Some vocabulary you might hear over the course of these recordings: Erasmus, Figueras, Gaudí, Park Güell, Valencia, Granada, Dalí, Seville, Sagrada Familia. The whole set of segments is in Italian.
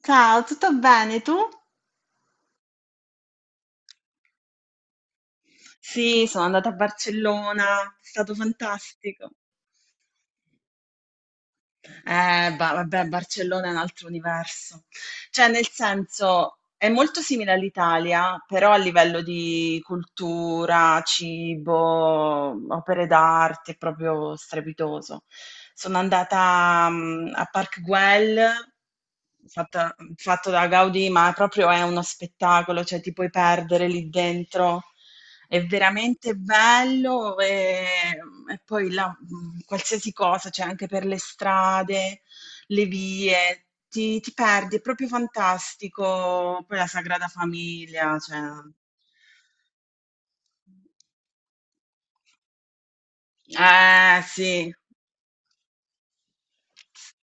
Ciao, tutto bene tu? Sì, sono andata a Barcellona, è stato fantastico. Vabbè, Barcellona è un altro universo. Cioè, nel senso, è molto simile all'Italia, però a livello di cultura, cibo, opere d'arte, è proprio strepitoso. Sono andata, a Park Güell, fatto da Gaudì, ma proprio è uno spettacolo, cioè ti puoi perdere lì dentro. È veramente bello, e poi là, qualsiasi cosa, cioè anche per le strade, le vie, ti perdi, è proprio fantastico. Poi la Sagrada Famiglia, cioè eh sì.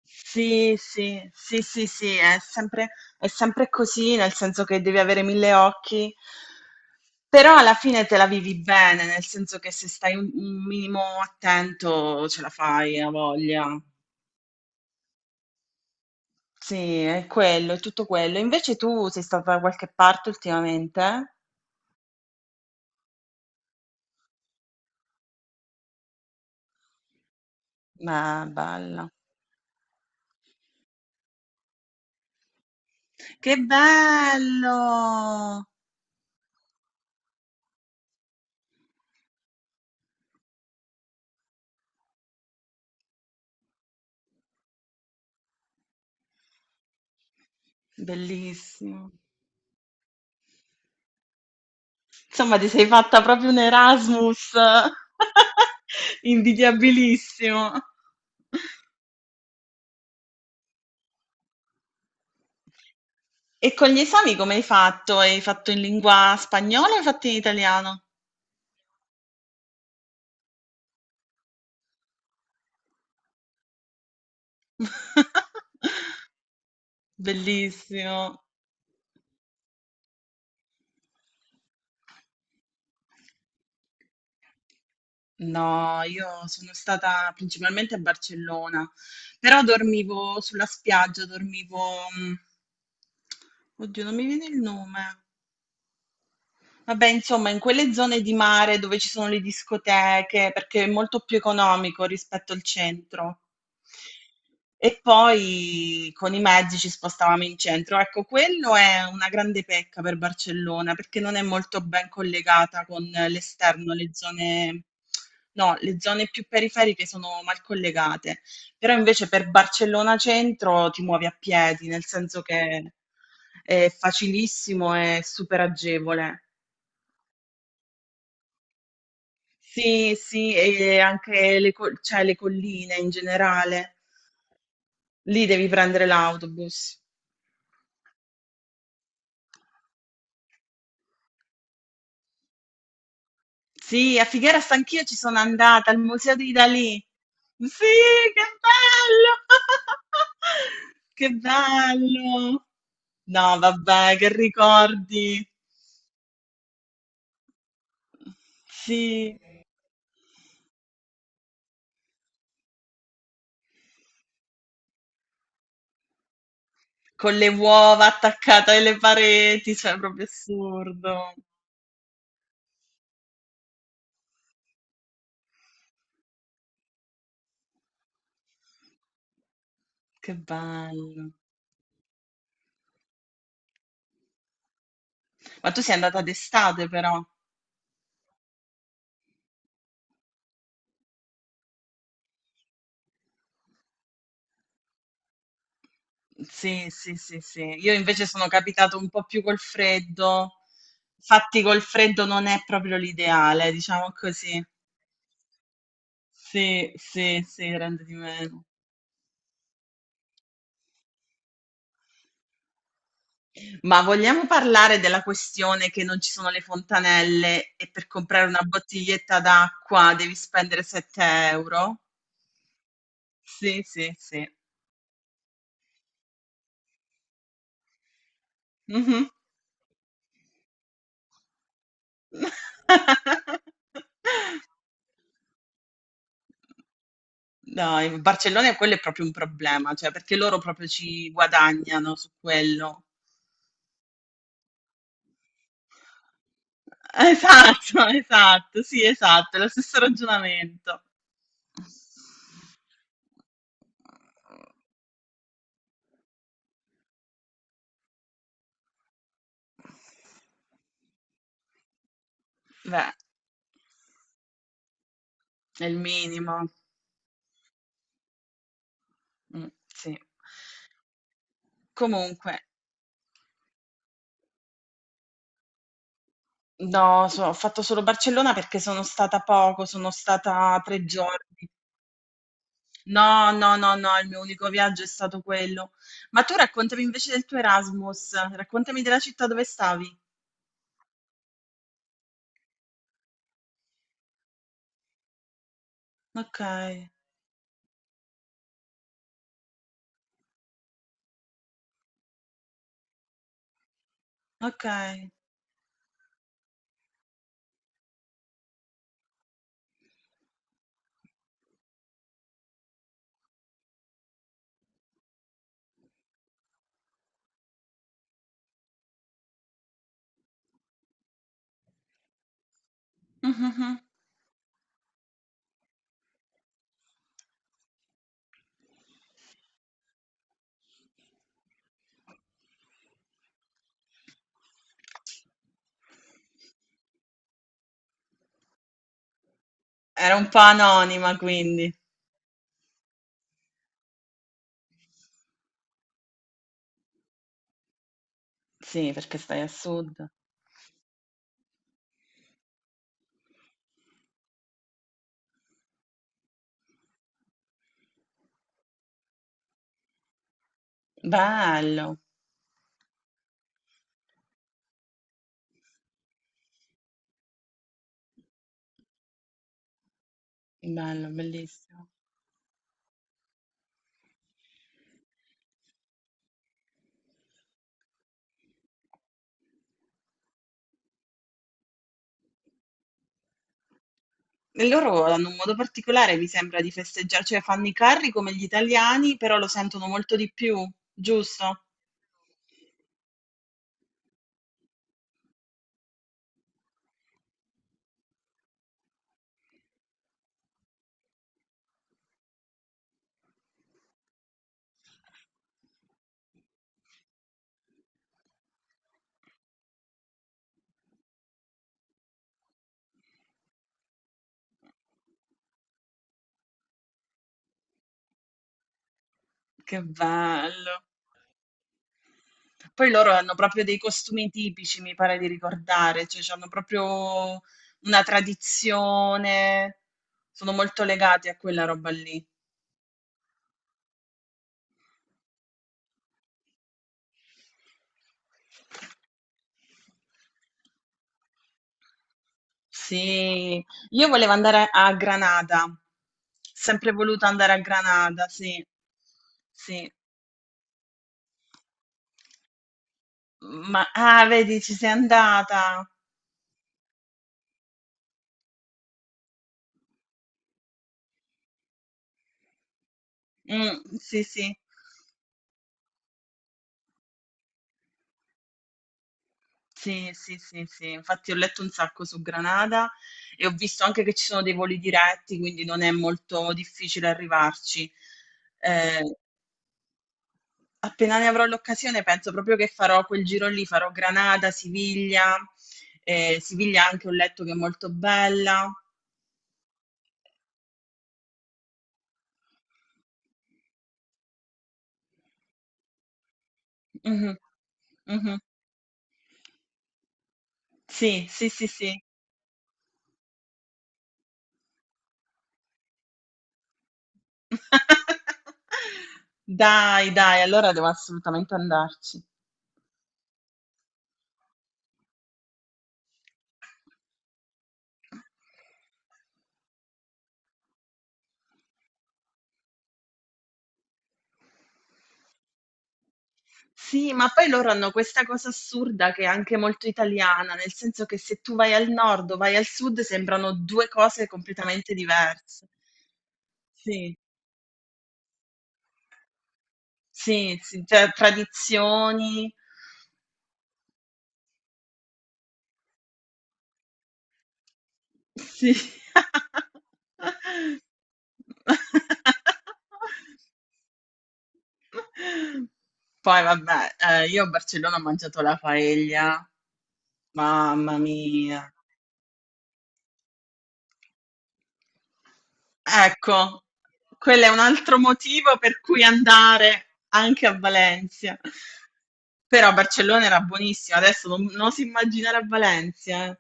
Sì, sì, sì, sì, sì, è sempre, è sempre così, nel senso che devi avere 1000 occhi, però alla fine te la vivi bene, nel senso che se stai un minimo attento ce la fai, a voglia. Sì, è quello, è tutto quello. Invece tu sei stata da qualche parte ultimamente? Beh, bella. Che bello! Bellissimo. Insomma, ti sei fatta proprio un Erasmus invidiabilissimo. E con gli esami come hai fatto? Hai fatto in lingua spagnola o hai fatto in italiano? Bellissimo. No, io sono stata principalmente a Barcellona, però dormivo sulla spiaggia, dormivo, mm, Oddio, non mi viene il nome. Vabbè, insomma, in quelle zone di mare dove ci sono le discoteche, perché è molto più economico rispetto al centro. E poi con i mezzi ci spostavamo in centro. Ecco, quello è una grande pecca per Barcellona, perché non è molto ben collegata con l'esterno, le zone, no, le zone più periferiche sono mal collegate. Però invece per Barcellona centro ti muovi a piedi, nel senso che è facilissimo e super agevole. Sì, sì, e anche le, col- cioè, le colline in generale. Lì devi prendere l'autobus. Sì, a Figueras anch'io ci sono andata, al museo di Dalì. Sì, che bello! Che bello! No, vabbè, che ricordi. Sì, con le uova attaccate alle pareti, cioè è proprio assurdo. Che bello. Ma tu sei andata d'estate però. Sì, sì, sì, sì. Io invece sono capitato un po' più col freddo. Infatti col freddo non è proprio l'ideale, diciamo così. Sì, sì, sì, rende di meno. Ma vogliamo parlare della questione che non ci sono le fontanelle e per comprare una bottiglietta d'acqua devi spendere 7 euro? Sì, sì, sì. Mhm. Dai, Barcellona quello è proprio un problema, cioè perché loro proprio ci guadagnano su quello. Esatto, esatto, sì, esatto, è lo stesso ragionamento. Beh, è il minimo. Mm, sì. Comunque, no, ho fatto solo Barcellona perché sono stata poco, sono stata 3 giorni. No, no, no, no, il mio unico viaggio è stato quello. Ma tu raccontami invece del tuo Erasmus, raccontami della città dove stavi. Ok, ok. Mhm. Era un po' anonima, quindi. Sì, perché stai a sud. Bello, bello, bellissimo. E loro hanno un modo particolare, mi sembra, di festeggiare, cioè fanno i carri come gli italiani, però lo sentono molto di più, giusto? Che bello. Poi loro hanno proprio dei costumi tipici, mi pare di ricordare, cioè hanno proprio una tradizione, sono molto legati a quella roba lì. Sì, io volevo andare a Granada, sempre voluto andare a Granada, sì, sì, ma ah, vedi, ci sei andata. Mm, sì, sì. Sì, sì, sì, sì, infatti ho letto un sacco su Granada e ho visto anche che ci sono dei voli diretti, quindi non è molto difficile arrivarci. Eh, appena ne avrò l'occasione, penso proprio che farò quel giro lì, farò Granada, Siviglia, Siviglia anche ho letto che è molto bella. Mhm, mhm. Sì, sì, sì, sì. Dai, dai, allora devo assolutamente andarci. Sì, ma poi loro hanno questa cosa assurda che è anche molto italiana, nel senso che se tu vai al nord o vai al sud sembrano due cose completamente diverse. Sì, sì, sì, cioè tradizioni. Sì. Poi vabbè, io a Barcellona ho mangiato la paella, mamma mia. Ecco, quello è un altro motivo per cui andare anche a Valencia. Però Barcellona era buonissima, adesso non, non si immaginare a Valencia, eh.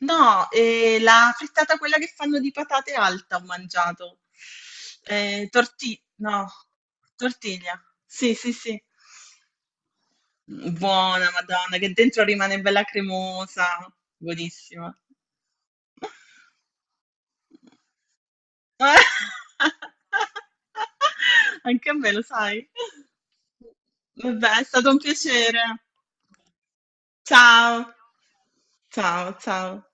No, la frittata quella che fanno di patate alta ho mangiato. Torti- no, tortiglia. Sì, sì, sì. Buona, Madonna, che dentro rimane bella cremosa. Buonissima. Anche a me, lo sai. Vabbè, è stato un piacere. Ciao. Ciao, ciao.